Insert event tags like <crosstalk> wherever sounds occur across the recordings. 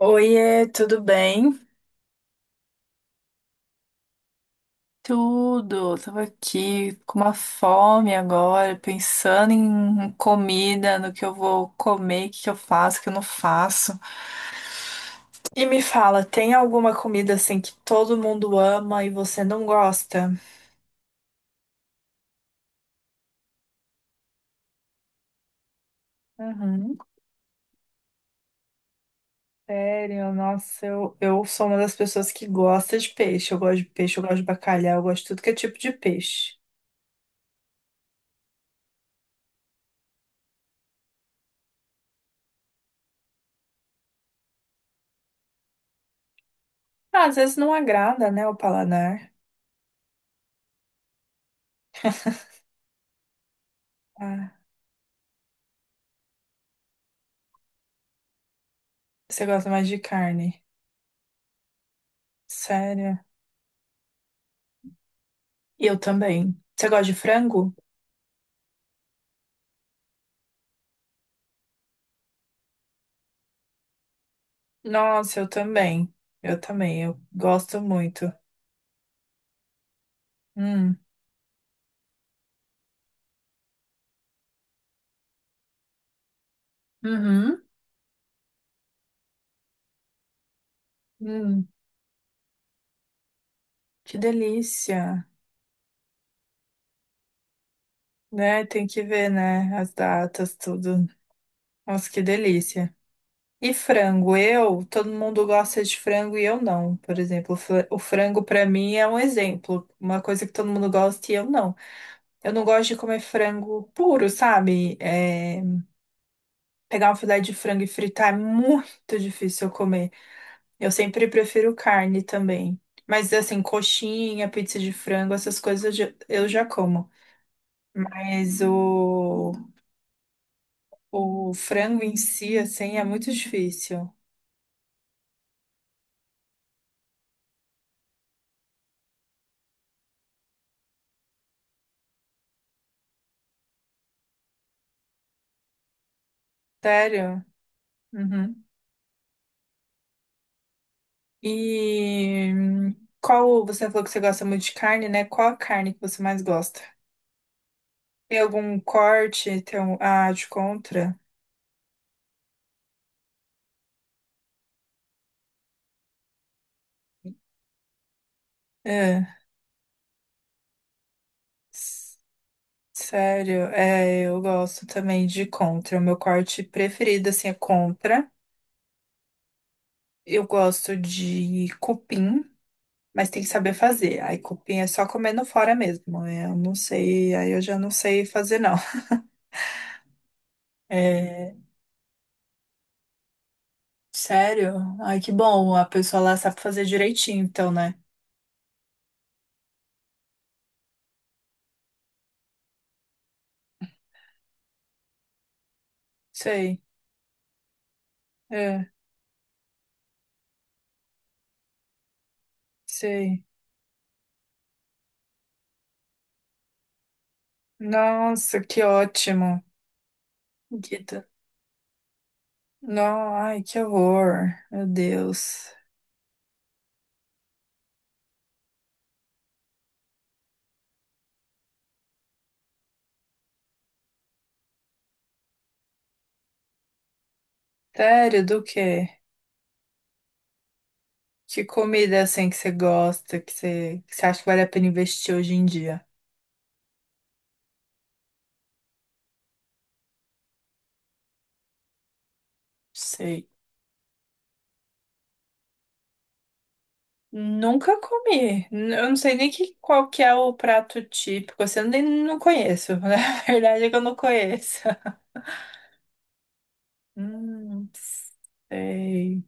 Oiê, tudo bem? Tudo. Tava aqui com uma fome agora, pensando em comida, no que eu vou comer, o que que eu faço, o que eu não faço. E me fala, tem alguma comida assim que todo mundo ama e você não gosta? Uhum, sério, nossa, eu sou uma das pessoas que gosta de peixe. Eu gosto de peixe, eu gosto de bacalhau, eu gosto de tudo que é tipo de peixe. Ah, às vezes não agrada, né, o paladar. Ah, você gosta mais de carne. Sério. Eu também. Você gosta de frango? Nossa, eu também. Eu também. Eu gosto muito. Hum. Uhum. Hum. Que delícia. Né? Tem que ver, né? As datas, tudo. Nossa, que delícia. E frango? Eu, todo mundo gosta de frango e eu não. Por exemplo, o frango pra mim é um exemplo. Uma coisa que todo mundo gosta e eu não. Eu não gosto de comer frango puro, sabe? É, pegar um filé de frango e fritar é muito difícil eu comer. Eu sempre prefiro carne também. Mas assim, coxinha, pizza de frango, essas coisas eu já como. Mas o, o frango em si, assim, é muito difícil. Sério? Uhum. E qual, você falou que você gosta muito de carne, né? Qual a carne que você mais gosta? Tem algum corte? Tem um, ah, de contra? É, s- sério, é, eu gosto também de contra. O meu corte preferido, assim, é contra. Eu gosto de cupim, mas tem que saber fazer. Aí cupim é só comendo fora mesmo, né? Eu não sei, aí eu já não sei fazer não. É, sério? Ai, que bom, a pessoa lá sabe fazer direitinho, então, né? Sei, é, sei. Nossa, que ótimo. Dita. Não, ai, que horror. Meu Deus. Sério, do quê? Que comida assim que você gosta, que você acha que vale a pena investir hoje em dia? Sei. Nunca comi. Eu não sei nem que, qual que é o prato típico. Assim, eu nem não conheço. <laughs> Na verdade é que eu não conheço. <laughs> Hum, sei.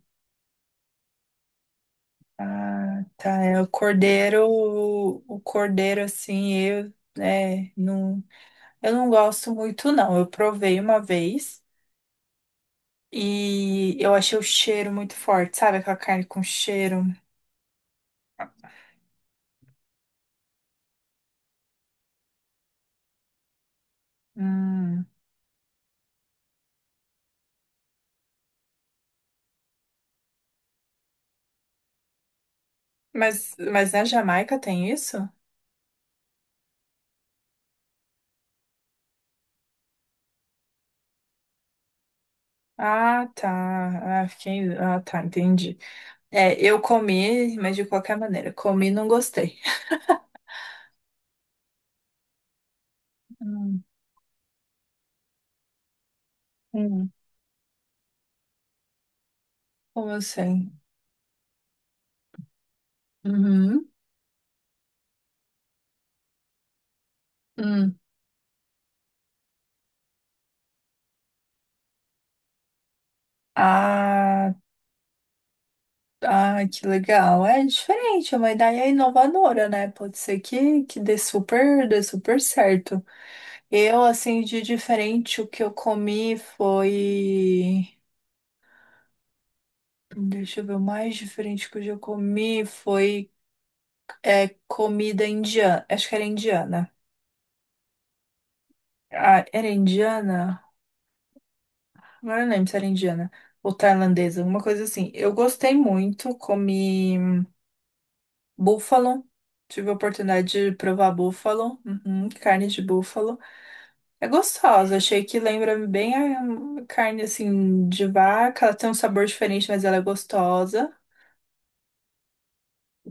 Ah, tá. É o cordeiro, assim, eu, né, não, eu não gosto muito, não. Eu provei uma vez e eu achei o cheiro muito forte, sabe? Aquela carne com cheiro. Hum. Mas na Jamaica tem isso? Ah, tá. Ah, fiquei... ah, tá, entendi. É, eu comi, mas de qualquer maneira, comi e não gostei. Hum, hum, como eu sei? Uhum, hum. Ah, ah, que legal. É diferente, é uma ideia inovadora, né? Pode ser que dê super certo. Eu, assim, de diferente, o que eu comi foi. Deixa eu ver, o mais diferente que eu já comi foi é, comida indiana. Acho que era indiana. Ah, era indiana? Agora eu não lembro se era indiana ou tailandesa, alguma coisa assim. Eu gostei muito, comi búfalo. Tive a oportunidade de provar búfalo, uhum, carne de búfalo. É gostosa, achei que lembra bem a carne assim de vaca. Ela tem um sabor diferente, mas ela é gostosa.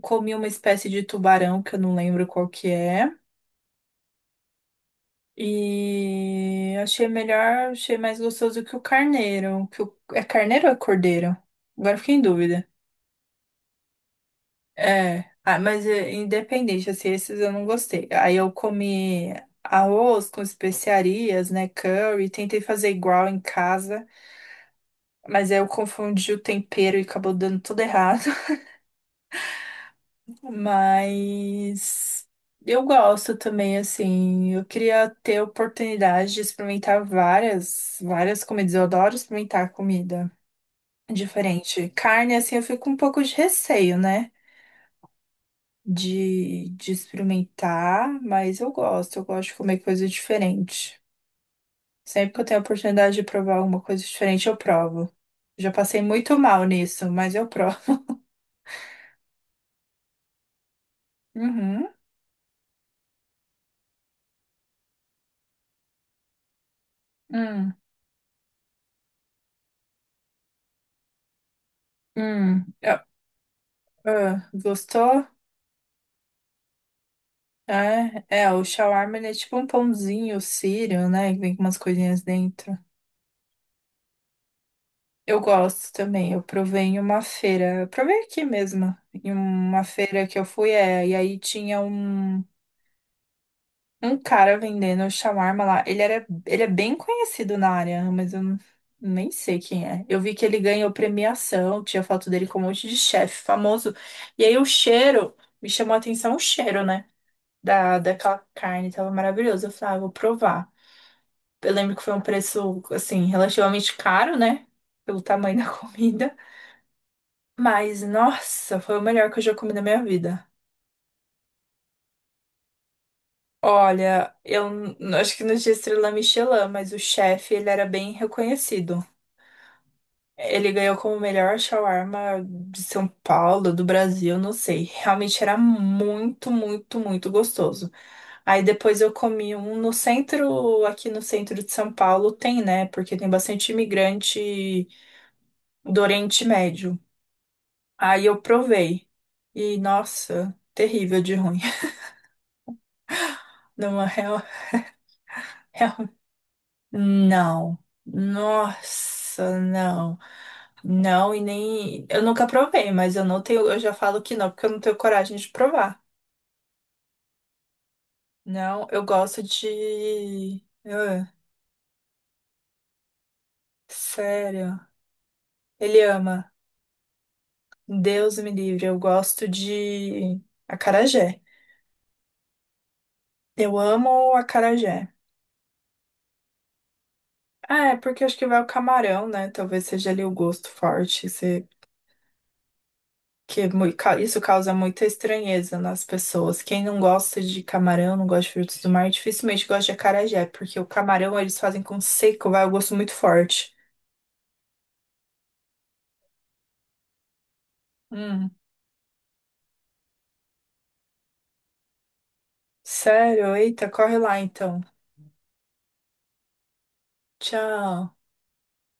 Comi uma espécie de tubarão que eu não lembro qual que é. E achei melhor, achei mais gostoso que o carneiro. Que o... É carneiro ou é cordeiro? Agora eu fiquei em dúvida. É, ah, mas é, independente, assim, esses eu não gostei. Aí eu comi arroz com especiarias, né, curry, tentei fazer igual em casa, mas aí eu confundi o tempero e acabou dando tudo errado. <laughs> Mas eu gosto também, assim. Eu queria ter oportunidade de experimentar várias comidas. Eu adoro experimentar comida diferente. Carne, assim, eu fico com um pouco de receio, né? De experimentar, mas eu gosto. Eu gosto de comer coisa diferente. Sempre que eu tenho a oportunidade de provar alguma coisa diferente, eu provo. Já passei muito mal nisso, mas eu provo. <laughs> Uhum. Hum. Hum. Ah, ah, gostou? É, é, o shawarma ele é tipo um pãozinho sírio, né? Que vem com umas coisinhas dentro. Eu gosto também, eu provei em uma feira, eu provei aqui mesmo, em uma feira que eu fui, é, e aí tinha um, um cara vendendo shawarma lá. Ele era, ele é bem conhecido na área, mas eu nem sei quem é. Eu vi que ele ganhou premiação, tinha foto dele com um monte de chefe famoso. E aí o cheiro, me chamou a atenção o cheiro, né? Da, daquela carne, tava maravilhoso. Eu falei, ah, eu vou provar. Eu lembro que foi um preço, assim, relativamente caro, né? Pelo tamanho da <laughs> comida. Mas, nossa, foi o melhor que eu já comi na minha vida. Olha, eu acho que não tinha estrela Michelin, mas o chefe, ele era bem reconhecido. Ele ganhou como o melhor shawarma de São Paulo, do Brasil, não sei. Realmente era muito, muito, muito gostoso. Aí depois eu comi um no centro, aqui no centro de São Paulo tem, né? Porque tem bastante imigrante do Oriente Médio. Aí eu provei. E, nossa, terrível de ruim. <laughs> Não, é real, real. Não. Nossa, não. Não, e nem. Eu nunca provei, mas eu não tenho. Eu já falo que não, porque eu não tenho coragem de provar. Não, eu gosto de. Ah, sério. Ele ama. Deus me livre. Eu gosto de acarajé. Eu amo acarajé. Ah, é porque acho que vai o camarão, né? Talvez seja ali o gosto forte. Você que é isso causa muita estranheza nas pessoas. Quem não gosta de camarão, não gosta de frutos do mar, dificilmente gosta de acarajé, porque o camarão eles fazem com seco, vai o gosto muito forte. Hum, sério? Eita, corre lá então. Tchau.